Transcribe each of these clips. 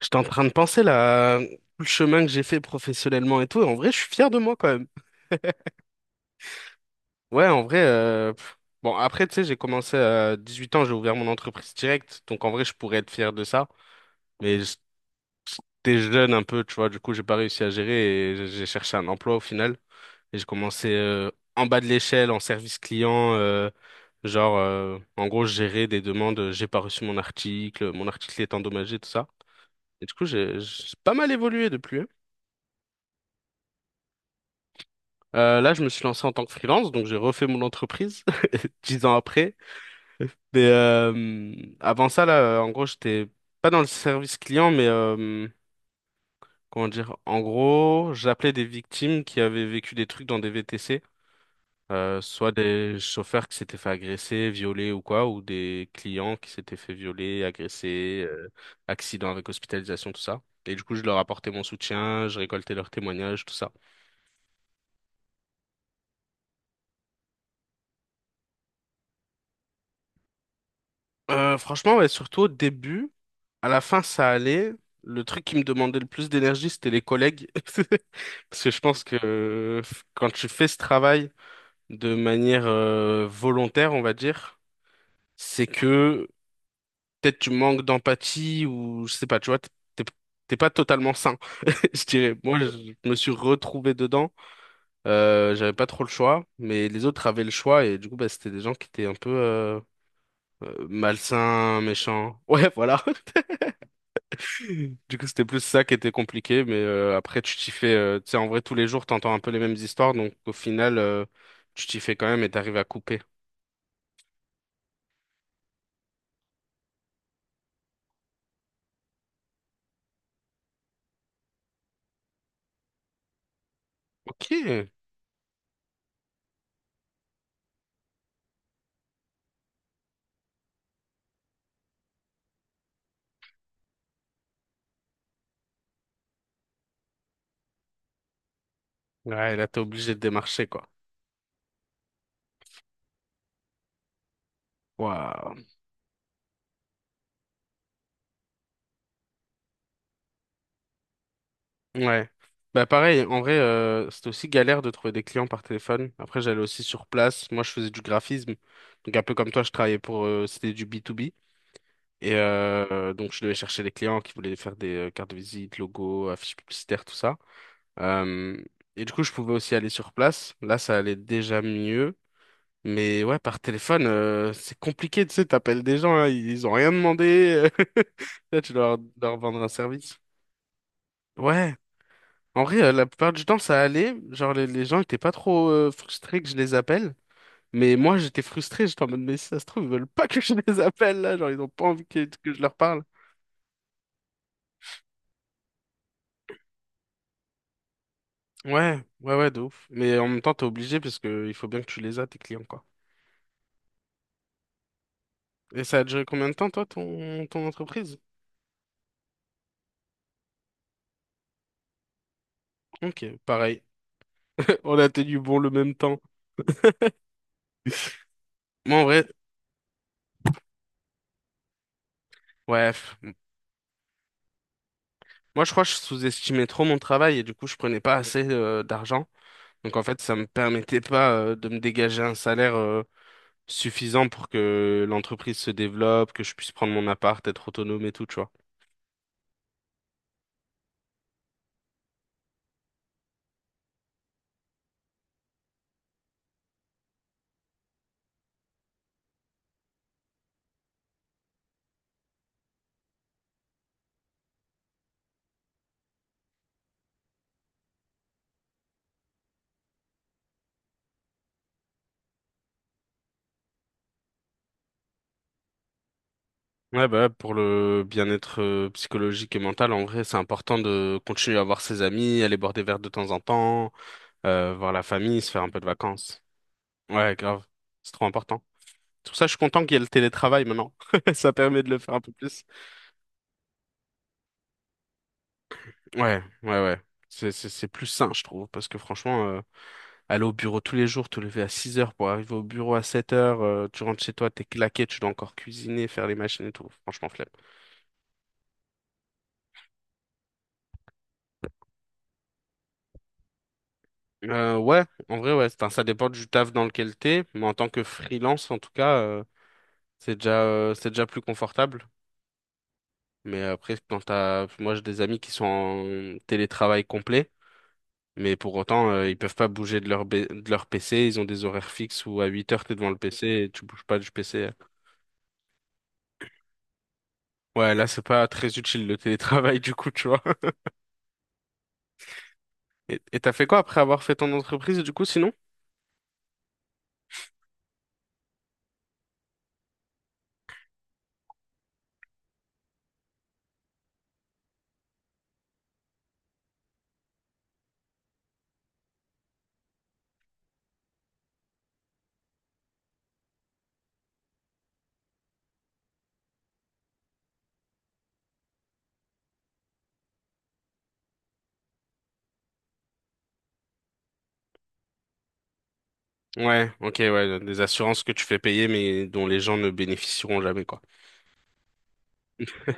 J'étais en train de penser là, tout le chemin que j'ai fait professionnellement et tout, et en vrai, je suis fier de moi quand même. Ouais, en vrai, bon, après, tu sais, j'ai commencé à 18 ans, j'ai ouvert mon entreprise directe, donc en vrai, je pourrais être fier de ça. Mais j'étais jeune un peu, tu vois, du coup, j'ai pas réussi à gérer et j'ai cherché un emploi au final. Et j'ai commencé en bas de l'échelle, en service client, genre, en gros, je gérais des demandes, j'ai pas reçu mon article est endommagé, tout ça. Et du coup, j'ai pas mal évolué depuis, hein. Là, je me suis lancé en tant que freelance, donc j'ai refait mon entreprise 10 ans après. Mais avant ça, là, en gros, j'étais pas dans le service client, mais comment dire, en gros, j'appelais des victimes qui avaient vécu des trucs dans des VTC, soit des chauffeurs qui s'étaient fait agresser, violer ou quoi, ou des clients qui s'étaient fait violer, agresser, accident avec hospitalisation, tout ça. Et du coup, je leur apportais mon soutien, je récoltais leurs témoignages, tout ça. Franchement, ouais, surtout au début, à la fin, ça allait. Le truc qui me demandait le plus d'énergie, c'était les collègues. Parce que je pense que quand tu fais ce travail de manière volontaire, on va dire, c'est que peut-être tu manques d'empathie ou je sais pas, tu vois, t'es- t'es pas totalement sain. Je dirais, moi, je me suis retrouvé dedans. J'avais pas trop le choix, mais les autres avaient le choix et du coup, bah, c'était des gens qui étaient un peu malsains, méchants. Ouais, voilà. Du coup, c'était plus ça qui était compliqué, mais après, tu t'y fais, tu sais, en vrai, tous les jours, t'entends un peu les mêmes histoires, donc au final, tu t'y fais quand même et t'arrives à couper. Ok. Ouais, là, t'es obligé de démarcher, quoi. Waouh. Ouais. Bah, pareil, en vrai, c'était aussi galère de trouver des clients par téléphone. Après, j'allais aussi sur place. Moi, je faisais du graphisme. Donc, un peu comme toi, je travaillais pour, c'était du B2B. Et donc, je devais chercher les clients qui voulaient faire des cartes de visite, logos, affiches publicitaires, tout ça. Euh, et du coup, je pouvais aussi aller sur place. Là, ça allait déjà mieux. Mais ouais, par téléphone, c'est compliqué, tu sais, t'appelles des gens, hein, ils ont rien demandé. Là, tu dois leur vendre un service. Ouais. En vrai, la plupart du temps, ça allait. Genre, les gens étaient pas trop frustrés que je les appelle. Mais moi, j'étais frustré. J'étais en mode, mais si ça se trouve, ils veulent pas que je les appelle, là. Genre, ils ont pas envie que je leur parle. Ouais, ouais, ouais, de ouf. Mais en même temps, t'es obligé parce que il faut bien que tu les as, tes clients, quoi. Et ça a duré combien de temps, toi, ton entreprise? Ok, pareil. On a tenu bon le même temps. Moi, en vrai, ouais. Moi, je crois que je sous-estimais trop mon travail et du coup, je prenais pas assez d'argent. Donc, en fait, ça me permettait pas de me dégager un salaire suffisant pour que l'entreprise se développe, que je puisse prendre mon appart, être autonome et tout, tu vois. Ouais, bah, pour le bien-être psychologique et mental, en vrai, c'est important de continuer à voir ses amis, aller boire des verres de temps en temps, voir la famille, se faire un peu de vacances. Ouais, grave. C'est trop important. C'est pour ça que je suis content qu'il y ait le télétravail maintenant. Ça permet de le faire un peu plus. Ouais, ouais, ouais. C'est plus sain, je trouve, parce que franchement, aller au bureau tous les jours, te lever à 6 heures pour arriver au bureau à 7 heures, tu rentres chez toi, t'es claqué, tu dois encore cuisiner, faire les machines et tout. Franchement, flemme. Ouais, en vrai, ouais. Enfin, ça dépend du taf dans lequel t'es, mais en tant que freelance, en tout cas, c'est déjà plus confortable. Mais après, moi, j'ai des amis qui sont en télétravail complet. Mais pour autant, ils peuvent pas bouger de leur PC. Ils ont des horaires fixes où à 8 heures, t'es devant le PC et tu bouges pas du PC. Ouais, là, c'est pas très utile le télétravail, du coup, tu vois. Et t'as fait quoi après avoir fait ton entreprise, du coup, sinon? Ouais, ok, ouais, des assurances que tu fais payer, mais dont les gens ne bénéficieront jamais, quoi.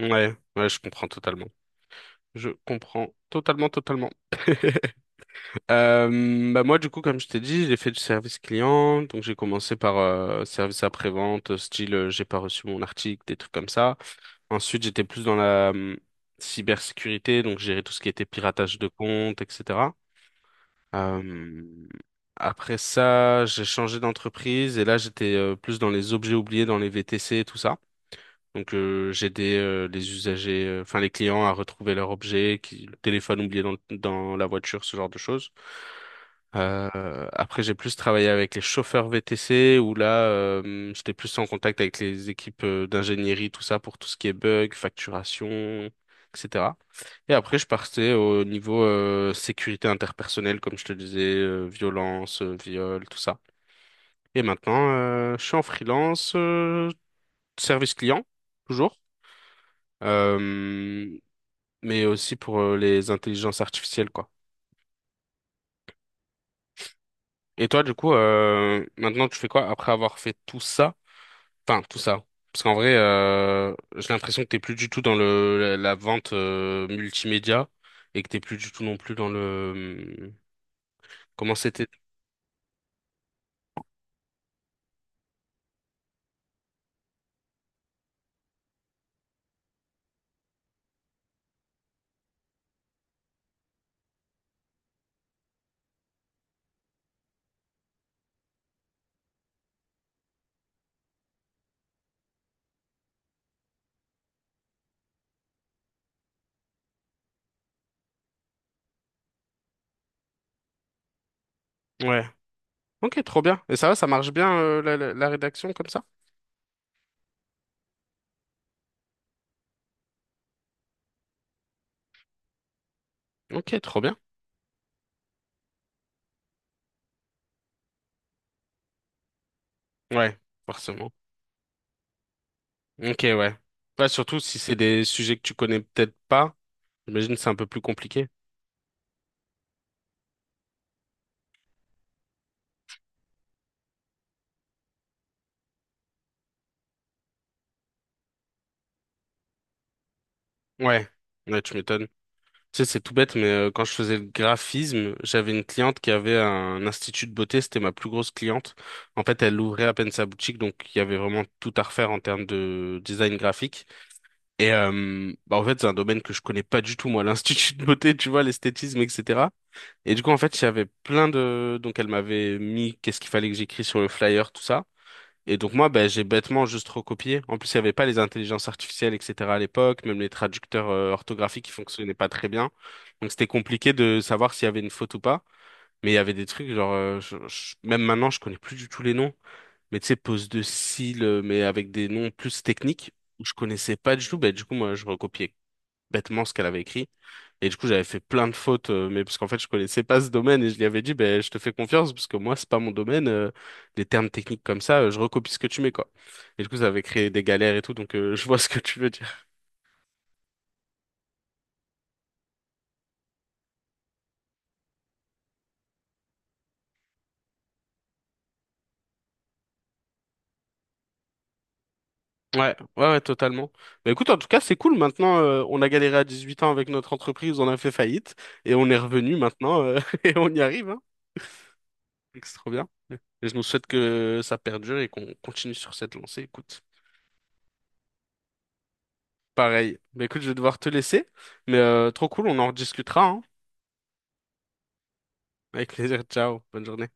Ouais, ouais, je comprends totalement. Je comprends totalement, totalement. Bah moi du coup comme je t'ai dit j'ai fait du service client, donc j'ai commencé par service après-vente style j'ai pas reçu mon article, des trucs comme ça. Ensuite j'étais plus dans la cybersécurité, donc gérer tout ce qui était piratage de comptes etc. Euh, Après ça j'ai changé d'entreprise et là j'étais plus dans les objets oubliés dans les VTC et tout ça, donc j'aidais les usagers, enfin les clients à retrouver leur objet, qui, le téléphone oublié dans la voiture, ce genre de choses. Après j'ai plus travaillé avec les chauffeurs VTC où là j'étais plus en contact avec les équipes d'ingénierie, tout ça pour tout ce qui est bug, facturation, etc. Et après je partais au niveau sécurité interpersonnelle, comme je te disais, violence, viol, tout ça. Et maintenant je suis en freelance, service client, toujours, euh, mais aussi pour les intelligences artificielles, quoi. Et toi, du coup, maintenant, tu fais quoi après avoir fait tout ça? Enfin, tout ça. Parce qu'en vrai, j'ai l'impression que t'es plus du tout dans la vente multimédia et que t'es plus du tout non plus dans le... Comment c'était? Ouais. Ok, trop bien. Et ça va, ça marche bien, la rédaction comme ça? Ok, trop bien. Ouais, forcément. Ok, ouais. Ouais, surtout si c'est des sujets que tu connais peut-être pas, j'imagine que c'est un peu plus compliqué. Ouais, ouais, tu m'étonnes. Tu sais, c'est tout bête, mais quand je faisais le graphisme, j'avais une cliente qui avait un institut de beauté, c'était ma plus grosse cliente. En fait, elle ouvrait à peine sa boutique, donc il y avait vraiment tout à refaire en termes de design graphique. Et bah, en fait, c'est un domaine que je connais pas du tout, moi, l'institut de beauté, tu vois, l'esthétisme, etc. Et du coup, en fait, il y avait plein de... Donc, elle m'avait mis qu'est-ce qu'il fallait que j'écris sur le flyer, tout ça. Et donc moi, ben, j'ai bêtement juste recopié. En plus, il n'y avait pas les intelligences artificielles, etc. à l'époque, même les traducteurs orthographiques qui fonctionnaient pas très bien. Donc c'était compliqué de savoir s'il y avait une faute ou pas. Mais il y avait des trucs, genre, même maintenant, je connais plus du tout les noms. Mais tu sais, pose de cils, mais avec des noms plus techniques, où je connaissais pas du tout. Ben, du coup, moi, je recopiais bêtement ce qu'elle avait écrit. Et du coup, j'avais fait plein de fautes, mais parce qu'en fait, je connaissais pas ce domaine et je lui avais dit, ben, je te fais confiance parce que moi, c'est pas mon domaine, les termes techniques comme ça, je recopie ce que tu mets, quoi. Et du coup, ça avait créé des galères et tout, donc je vois ce que tu veux dire. Ouais, ouais, ouais, totalement. Bah écoute, en tout cas, c'est cool. Maintenant, on a galéré à 18 ans avec notre entreprise, on a fait faillite et on est revenu maintenant et on y arrive, hein. Donc, c'est trop bien. Et je nous souhaite que ça perdure et qu'on continue sur cette lancée. Écoute, pareil. Bah écoute, je vais devoir te laisser, mais trop cool, on en rediscutera, hein. Avec plaisir, ciao, bonne journée.